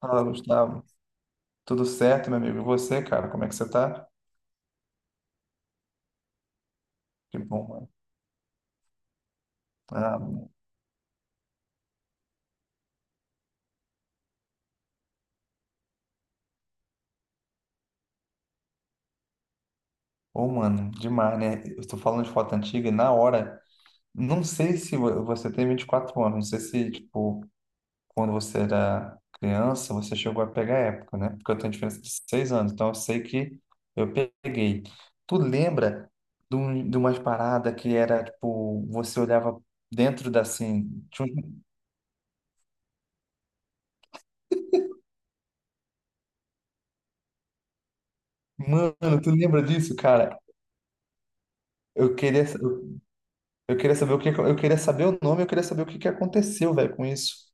Fala, Gustavo. Tudo certo, meu amigo? E você, cara? Como é que você tá? Que bom, mano. Ah, mano. Ô, mano, demais, né? Eu tô falando de foto antiga e na hora, não sei se você tem 24 anos, não sei se, tipo, quando você era criança, você chegou a pegar a época, né? Porque eu tenho diferença de 6 anos, então eu sei que eu peguei. Tu lembra de, de umas paradas que era, tipo, você olhava dentro da, assim, tinha Mano, tu lembra disso, cara? Eu queria. Eu queria saber o que, eu queria saber o nome, eu queria saber o que que aconteceu, velho, com isso.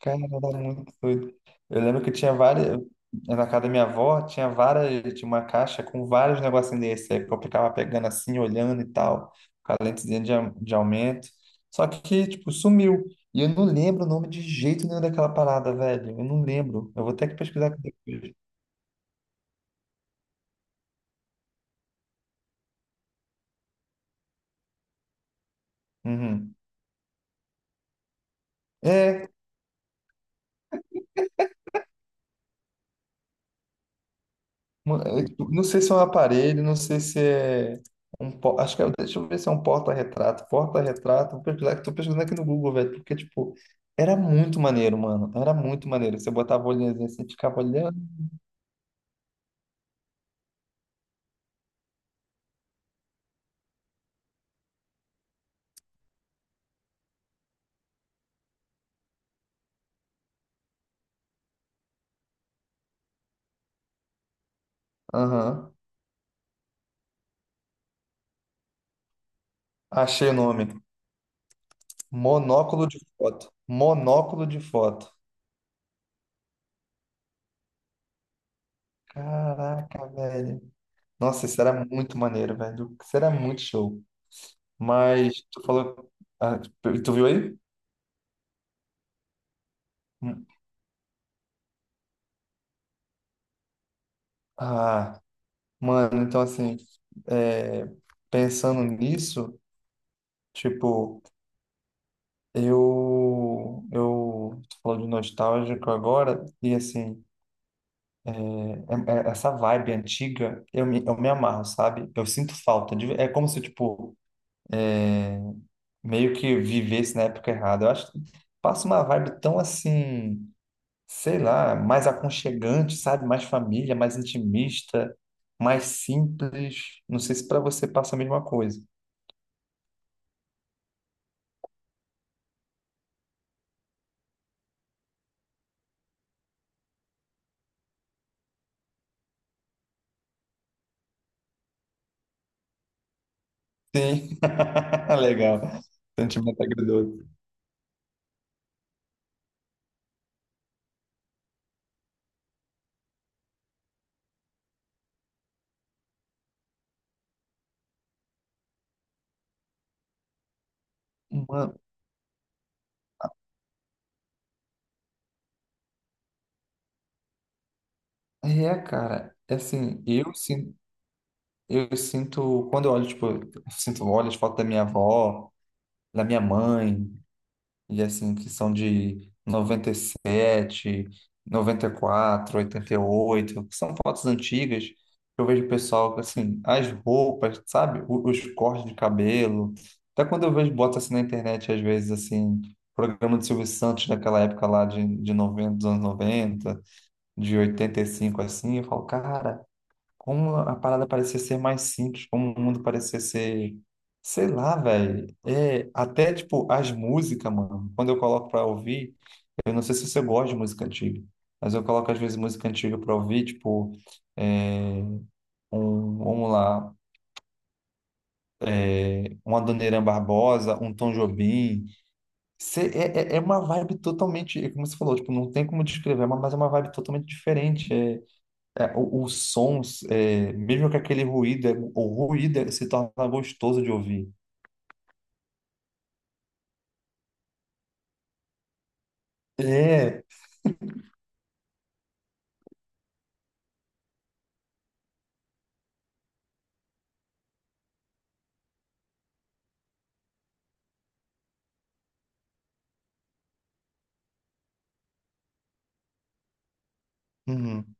Cara, era muito doido. Eu lembro que tinha várias, na casa da minha avó, tinha várias, tinha uma caixa com vários negocinhos desse, aí que eu ficava pegando assim, olhando e tal, com a lentezinha de, de aumento. Só que, tipo, sumiu. E eu não lembro o nome de jeito nenhum daquela parada, velho. Eu não lembro. Eu vou ter que pesquisar aqui depois. Uhum. É. Mano, eu tipo, não sei se é um aparelho, não sei se é acho que é, deixa eu ver se é um porta-retrato. Porta-retrato, vou pesquisar, que tô pesquisando aqui no Google, velho, porque, tipo, era muito maneiro, mano. Era muito maneiro. Você botava a olhinha assim, você ficava olhando. Aham. Achei o nome. Monóculo de foto. Monóculo de foto. Caraca, velho. Nossa, isso era muito maneiro, velho. Isso era muito show. Mas tu falou. Ah, tu viu aí? Hum. Ah. Mano, então assim, é, pensando nisso, tipo, eu tô falando de nostálgico agora, e assim, é- essa vibe antiga, eu me amarro, sabe? Eu sinto falta, é como se, tipo, é, meio que vivesse na época errada. Eu acho que passa uma vibe tão assim, sei lá, mais aconchegante, sabe? Mais família, mais intimista, mais simples. Não sei se pra você passa a mesma coisa. Sim, legal. Sentimento agridoce. Mano, é, cara, é assim, eu sinto, quando eu olho, tipo, eu sinto, olho as fotos da minha avó, da minha mãe, e assim, que são de noventa e sete, noventa e quatro, oitenta e sete, 97, 94, 88, que são fotos antigas, que eu vejo o pessoal, assim, as roupas, sabe? Os cortes de cabelo. Até quando eu vejo, boto assim na internet, às vezes, assim, programa de Silvio Santos daquela época lá de 90 dos anos 90, de 85 assim, eu falo, cara, como a parada parecia ser mais simples, como o mundo parecia ser, sei lá, velho. É, até tipo as músicas, mano. Quando eu coloco pra ouvir, eu não sei se você gosta de música antiga, mas eu coloco às vezes música antiga pra ouvir, tipo, é, um, vamos lá, um Adoniran Barbosa, um Tom Jobim. É uma vibe totalmente, é como você falou, tipo, não tem como descrever, mas é uma vibe totalmente diferente. É, é, os sons, é, mesmo que aquele ruído, o ruído se torna gostoso de ouvir. É, uhum,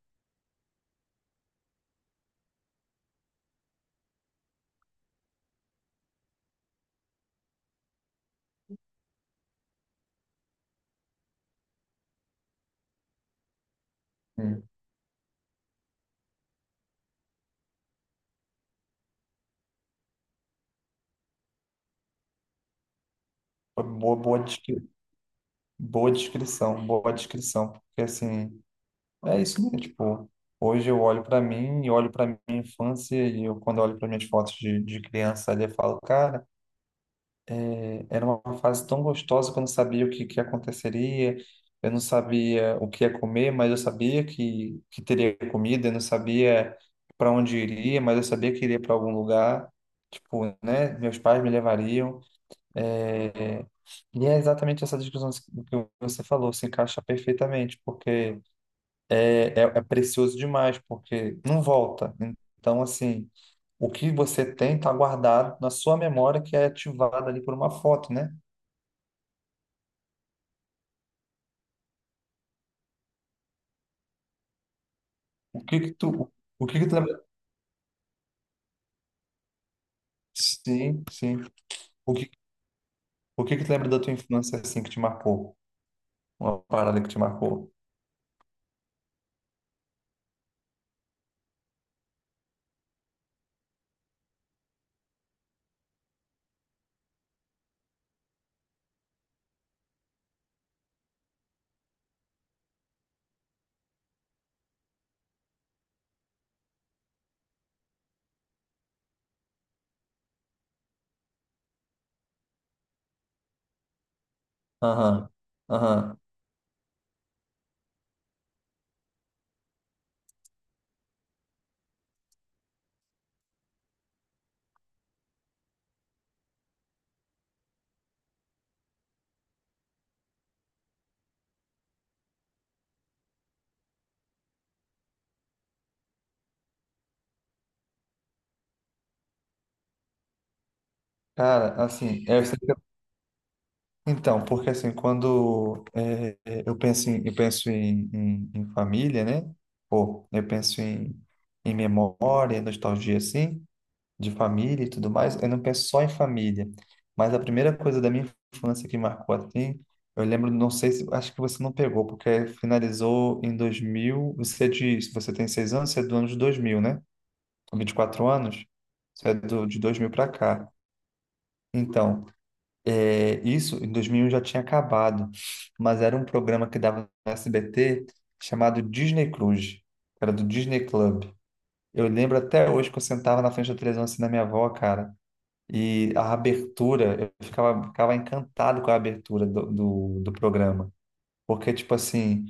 uhum. Boa, boa, descri- boa descrição, porque assim, é isso mesmo, tipo, hoje eu olho para mim e olho para minha infância e eu, quando eu olho para minhas fotos de criança ali, eu falo, cara, era uma fase tão gostosa que eu não sabia o que, que aconteceria, eu não sabia o que ia comer, mas eu sabia que teria comida, eu não sabia para onde iria, mas eu sabia que iria para algum lugar, tipo, né? Meus pais me levariam. É, e é exatamente essa discussão que você falou, se encaixa perfeitamente, porque é precioso demais, porque não volta. Então, assim. O que você tem está guardado na sua memória, que é ativada ali por uma foto, né? O que que tu, o que que tu lembra? Sim, sim. O que, o que que tu lembra da tua infância assim que te marcou? Uma parada que te marcou? Aham, aham. Cara, assim, é, eu sei então, porque assim, quando é, é, eu penso em, em família, né? Pô, eu penso em, em memória, nostalgia, assim, de família e tudo mais, eu não penso só em família. Mas a primeira coisa da minha infância que marcou assim, eu lembro, não sei se, acho que você não pegou, porque finalizou em 2000. Você diz, você tem 6 anos, você é do ano de 2000, né? 24 anos, você é do, de dois mil para cá. Então, é, isso em dois mil já tinha acabado, mas era um programa que dava no SBT chamado Disney Cruise, era do Disney Club. Eu lembro até hoje que eu sentava na frente da televisão assim na minha avó, cara. E a abertura, eu ficava, ficava encantado com a abertura do programa. Porque, tipo assim,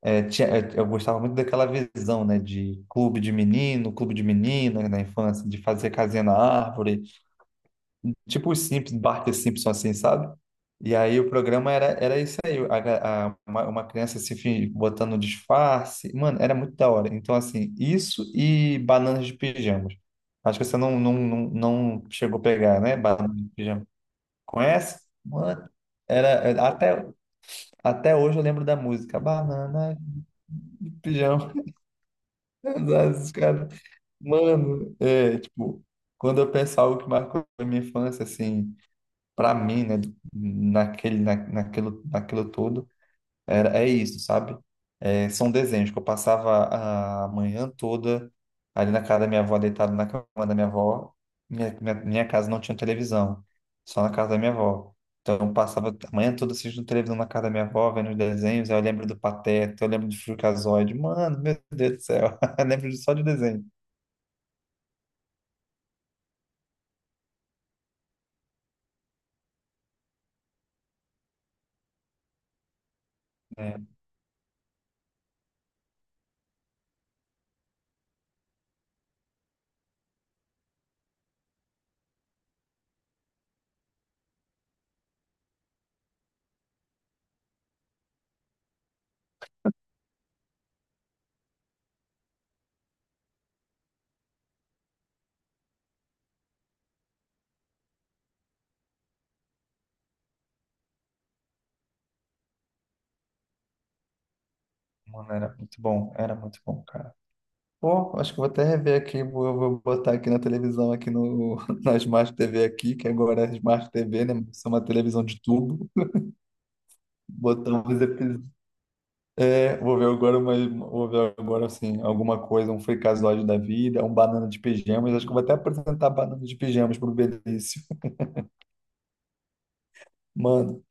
é, tinha, é, eu gostava muito daquela visão, né? De clube de menino, clube de menina na infância, de fazer casinha na árvore. Tipo os Simpsons, Bart e Simpson, assim, sabe? E aí o programa era, era isso aí. A ga- a- uma criança se botando um disfarce. Mano, era muito da hora. Então, assim, isso e bananas de pijamas. Acho que você não, não chegou a pegar, né? Bananas de pijamas. Conhece? Mano, era, até, até hoje eu lembro da música. Banana de pijama. Os caras. Mano, é, tipo, quando eu penso algo que marcou a minha infância, assim, pra mim, né, naquele, naquilo, naquilo todo, era, é isso, sabe? É, são desenhos que eu passava a manhã toda ali na casa da minha avó, deitado na cama da minha avó. Minha casa não tinha televisão, só na casa da minha avó. Então eu passava a manhã toda assistindo televisão na casa da minha avó, vendo os desenhos. Aí eu lembro do Pateta, eu lembro do Freakazoid. Mano, meu Deus do céu, eu lembro só de desenho. É, mano, era muito bom, cara. Pô, acho que eu vou até rever aqui, vou, vou botar aqui na televisão, aqui no, na Smart TV aqui, que agora é Smart TV, né? Isso é uma televisão de tubo. Botamos episódio. É, vou ver agora, mas vou ver agora assim, alguma coisa, um fricazoide da vida, um banana de pijamas. Acho que eu vou até apresentar banana de pijamas pro Benício. Mano,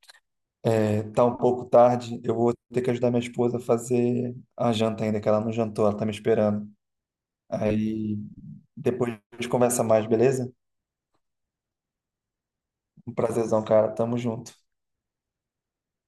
é, tá um pouco tarde, eu vou ter que ajudar minha esposa a fazer a janta ainda, que ela não jantou, ela tá me esperando. Aí depois a gente conversa mais, beleza? Um prazerzão, cara. Tamo junto.